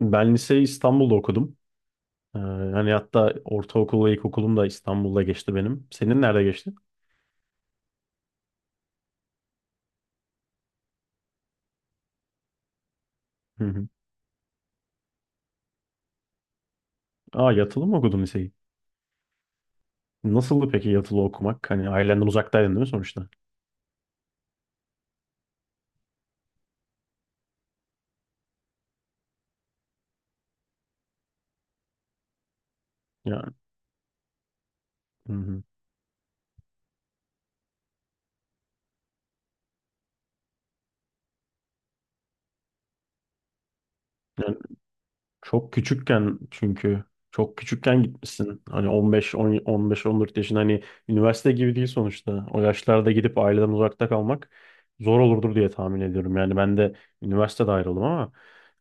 Ben liseyi İstanbul'da okudum. Hani hatta ortaokul ve ilkokulum da İstanbul'da geçti benim. Senin nerede geçti? Hı hı. Aa, yatılı mı okudun liseyi? Nasıldı peki yatılı okumak? Hani ailenden uzaktaydın değil mi sonuçta? Yani, hı hı. Yani çok küçükken, çünkü çok küçükken gitmişsin. Hani 15 10 15 14 yaşında, hani üniversite gibi değil sonuçta. O yaşlarda gidip aileden uzakta kalmak zor olurdur diye tahmin ediyorum. Yani ben de üniversitede ayrıldım, ama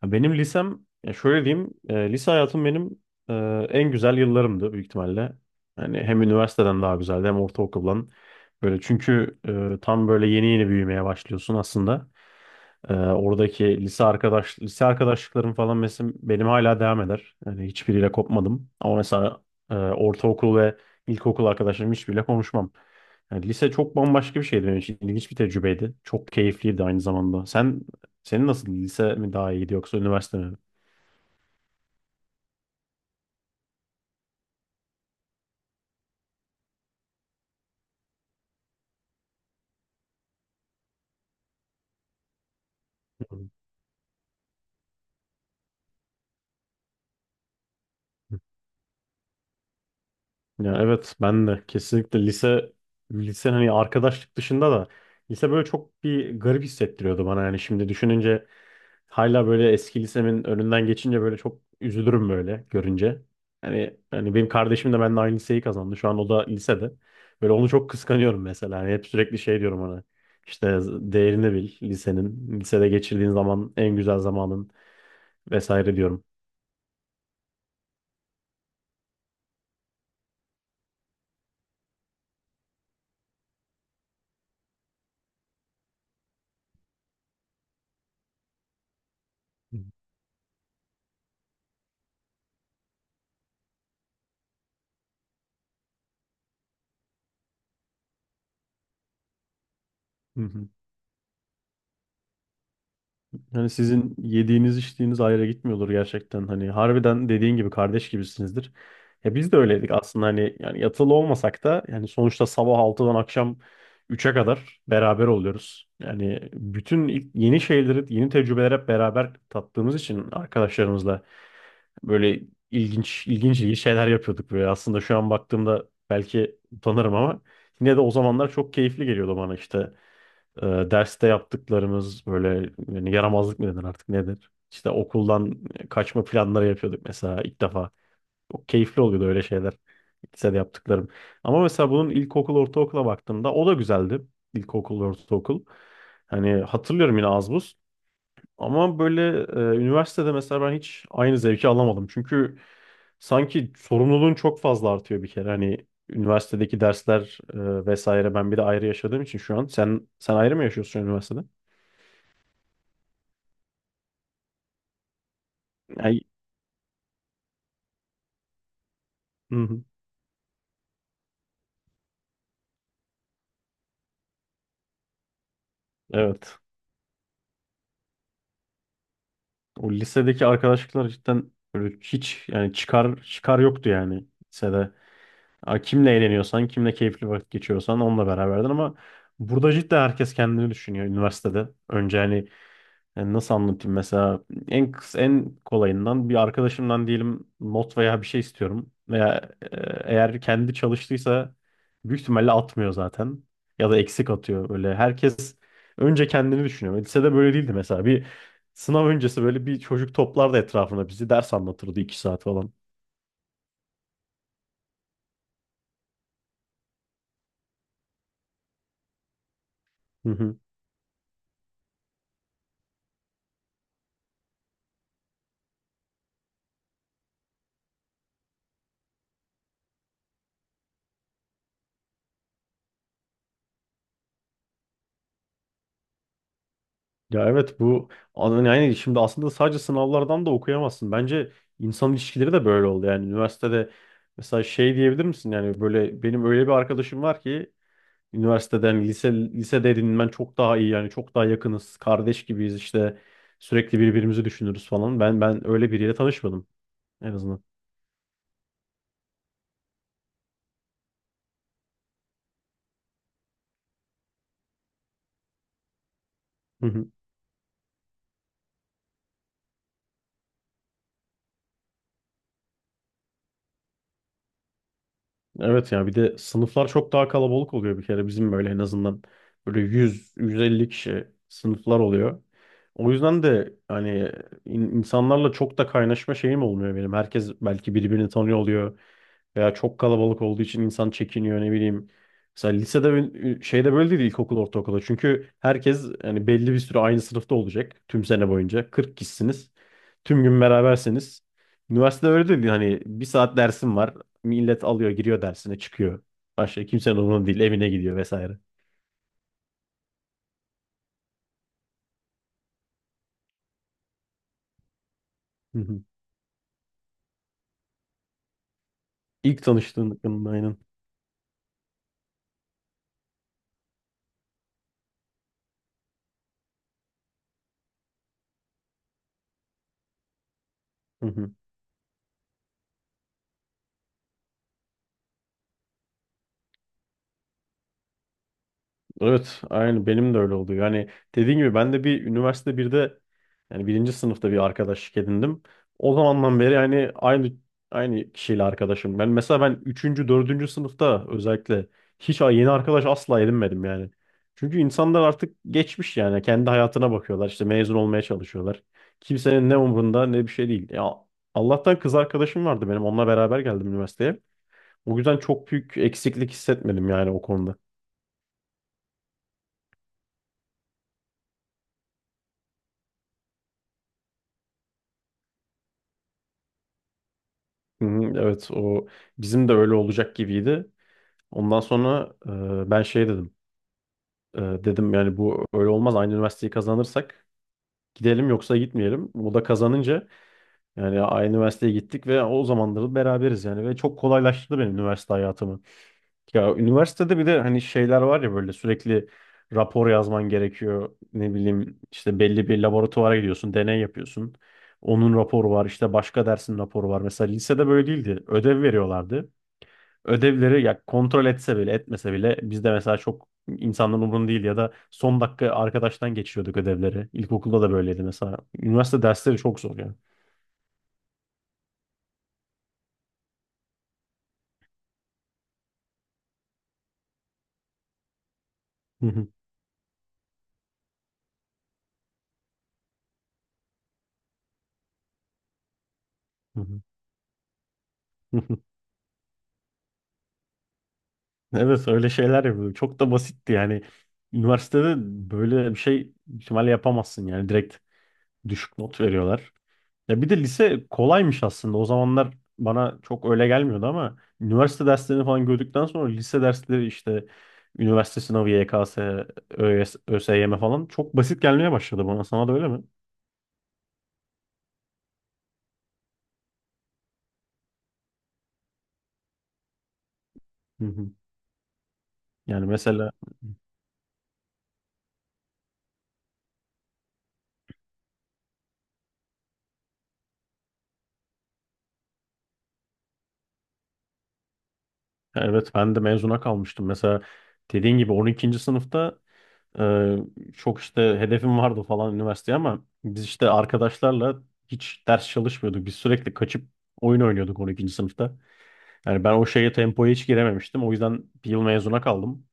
ya benim lisem, ya şöyle diyeyim, lise hayatım benim en güzel yıllarımdı büyük ihtimalle. Yani hem üniversiteden daha güzeldi, hem ortaokuldan. Böyle çünkü tam böyle yeni yeni büyümeye başlıyorsun aslında. Oradaki lise arkadaşlıklarım falan mesela benim hala devam eder. Yani hiçbiriyle kopmadım. Ama mesela ortaokul ve ilkokul arkadaşlarım, hiçbiriyle konuşmam. Yani lise çok bambaşka bir şeydi benim için. İlginç bir tecrübeydi. Çok keyifliydi aynı zamanda. Senin nasıl, lise mi daha iyiydi yoksa üniversite mi? Ya evet, ben de kesinlikle lise, hani arkadaşlık dışında da lise böyle çok bir garip hissettiriyordu bana, yani şimdi düşününce. Hala böyle eski lisemin önünden geçince böyle çok üzülürüm böyle görünce. Hani benim kardeşim de benimle aynı liseyi kazandı. Şu an o da lisede. Böyle onu çok kıskanıyorum mesela. Hani hep sürekli şey diyorum ona. İşte değerini bil lisenin. Lisede geçirdiğin zaman en güzel zamanın, vesaire diyorum. Hı hı. Hani sizin yediğiniz içtiğiniz ayrı gitmiyordur gerçekten. Hani harbiden dediğin gibi kardeş gibisinizdir. Ya biz de öyleydik aslında, hani yani yatılı olmasak da, yani sonuçta sabah 6'dan akşam 3'e kadar beraber oluyoruz. Yani bütün yeni şeyleri, yeni tecrübeler hep beraber tattığımız için arkadaşlarımızla böyle ilginç ilginç şeyler yapıyorduk böyle. Aslında şu an baktığımda belki utanırım ama, yine de o zamanlar çok keyifli geliyordu bana, işte e, derste yaptıklarımız, böyle yani yaramazlık mı denir artık nedir? İşte okuldan kaçma planları yapıyorduk mesela ilk defa. Çok keyifli oluyordu öyle şeyler. Lisede yaptıklarım. Ama mesela bunun, ilkokul, ortaokula baktığımda o da güzeldi. İlkokul, ortaokul. Hani hatırlıyorum yine az buz. Ama böyle üniversitede mesela ben hiç aynı zevki alamadım. Çünkü sanki sorumluluğun çok fazla artıyor bir kere. Hani üniversitedeki dersler vesaire, ben bir de ayrı yaşadığım için şu an. Sen ayrı mı yaşıyorsun üniversitede? Yani, hı hı. Evet. O lisedeki arkadaşlıklar cidden böyle hiç, yani çıkar çıkar yoktu yani lisede. Ya, kimle eğleniyorsan, kimle keyifli vakit geçiriyorsan onunla beraberdin, ama burada cidden herkes kendini düşünüyor üniversitede. Önce hani, yani nasıl anlatayım mesela, en en kolayından, bir arkadaşımdan diyelim not veya bir şey istiyorum, veya eğer kendi çalıştıysa büyük ihtimalle atmıyor zaten, ya da eksik atıyor, böyle herkes önce kendini düşünüyor. Lisede böyle değildi mesela, bir sınav öncesi böyle bir çocuk toplardı etrafına bizi, ders anlatırdı 2 saat falan. Hı hı. Ya evet, bu yani şimdi aslında sadece sınavlardan da okuyamazsın. Bence insan ilişkileri de böyle oldu. Yani üniversitede mesela şey diyebilir misin? Yani böyle benim öyle bir arkadaşım var ki üniversiteden, lisede edinmen çok daha iyi, yani çok daha yakınız. Kardeş gibiyiz işte, sürekli birbirimizi düşünürüz falan. Ben öyle biriyle tanışmadım en azından. Evet ya, bir de sınıflar çok daha kalabalık oluyor bir kere, bizim böyle en azından böyle yüz yüz elli kişi sınıflar oluyor. O yüzden de hani insanlarla çok da kaynaşma şeyim olmuyor benim. Herkes belki birbirini tanıyor oluyor. Veya çok kalabalık olduğu için insan çekiniyor ne bileyim. Mesela lisede şeyde böyle değil, ilkokul ortaokulda. Çünkü herkes yani belli bir süre aynı sınıfta olacak tüm sene boyunca. 40 kişisiniz. Tüm gün beraberseniz. Üniversitede öyle değil. Hani bir saat dersim var. Millet alıyor, giriyor dersine, çıkıyor. Başka kimsenin umurunda değil, evine gidiyor vesaire. Hı hı. İlk tanıştığın, aynen. Hı hı. Evet, aynı benim de öyle oldu. Yani dediğim gibi ben de bir üniversite, birde yani birinci sınıfta bir arkadaşlık edindim. O zamandan beri yani aynı kişiyle arkadaşım. Ben mesela ben üçüncü, dördüncü sınıfta özellikle hiç yeni arkadaş asla edinmedim yani. Çünkü insanlar artık geçmiş, yani kendi hayatına bakıyorlar, işte mezun olmaya çalışıyorlar. Kimsenin ne umrunda, ne bir şey değil. Ya, Allah'tan kız arkadaşım vardı benim, onunla beraber geldim üniversiteye. O yüzden çok büyük eksiklik hissetmedim yani o konuda. Hı hı, evet, o bizim de öyle olacak gibiydi. Ondan sonra ben şey dedim. Dedim yani bu öyle olmaz. Aynı üniversiteyi kazanırsak gidelim, yoksa gitmeyelim. O da kazanınca yani aynı üniversiteye gittik ve o zamanları beraberiz yani, ve çok kolaylaştırdı benim üniversite hayatımı. Ya üniversitede bir de hani şeyler var ya, böyle sürekli rapor yazman gerekiyor. Ne bileyim işte belli bir laboratuvara gidiyorsun, deney yapıyorsun. Onun raporu var, işte başka dersin raporu var. Mesela lisede böyle değildi. Ödev veriyorlardı. Ödevleri ya kontrol etse bile etmese bile, bizde mesela çok insanların umurunda değil, ya da son dakika arkadaştan geçiyorduk ödevleri. İlkokulda da böyleydi mesela. Üniversite dersleri çok zor yani. Hı hı, hı hı. Hı hı. Evet, öyle şeyler yapıyorduk. Çok da basitti yani. Üniversitede böyle bir şey ihtimalle yapamazsın yani. Direkt düşük not veriyorlar. Ya bir de lise kolaymış aslında. O zamanlar bana çok öyle gelmiyordu ama üniversite derslerini falan gördükten sonra lise dersleri, işte üniversite sınavı, YKS, ÖS, ÖSYM falan çok basit gelmeye başladı bana. Sana da öyle mi? Hı hı. Yani mesela evet, ben de mezuna kalmıştım. Mesela dediğin gibi 12. sınıfta e, çok işte hedefim vardı falan üniversiteye, ama biz işte arkadaşlarla hiç ders çalışmıyorduk. Biz sürekli kaçıp oyun oynuyorduk 12. sınıfta. Yani ben o şeye, tempoya hiç girememiştim. O yüzden bir yıl mezuna kaldım.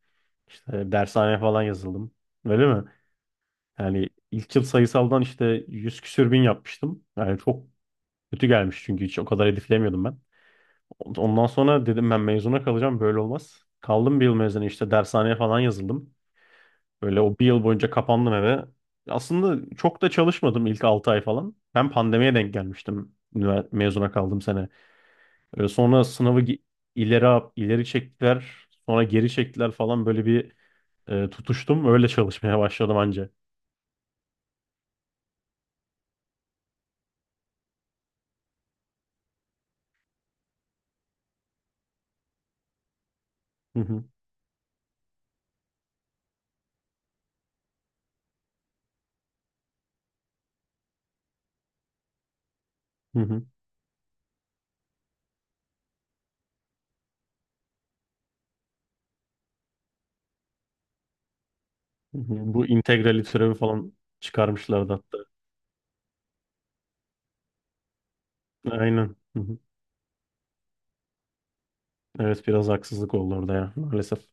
İşte dershaneye falan yazıldım. Öyle mi? Yani ilk yıl sayısaldan işte 100 küsür bin yapmıştım. Yani çok kötü gelmiş çünkü hiç o kadar hedeflemiyordum ben. Ondan sonra dedim ben mezuna kalacağım, böyle olmaz. Kaldım bir yıl mezuna, işte dershaneye falan yazıldım. Böyle o bir yıl boyunca kapandım eve. Aslında çok da çalışmadım ilk 6 ay falan. Ben pandemiye denk gelmiştim mezuna kaldığım sene. Sonra sınavı ileri ileri çektiler, sonra geri çektiler falan, böyle bir tutuştum. Öyle çalışmaya başladım anca. Hı hı, hı hı, hı hı. Bu integrali türevi falan çıkarmışlardı hatta. Aynen. Hı hı. Evet biraz haksızlık oldu orada ya, maalesef.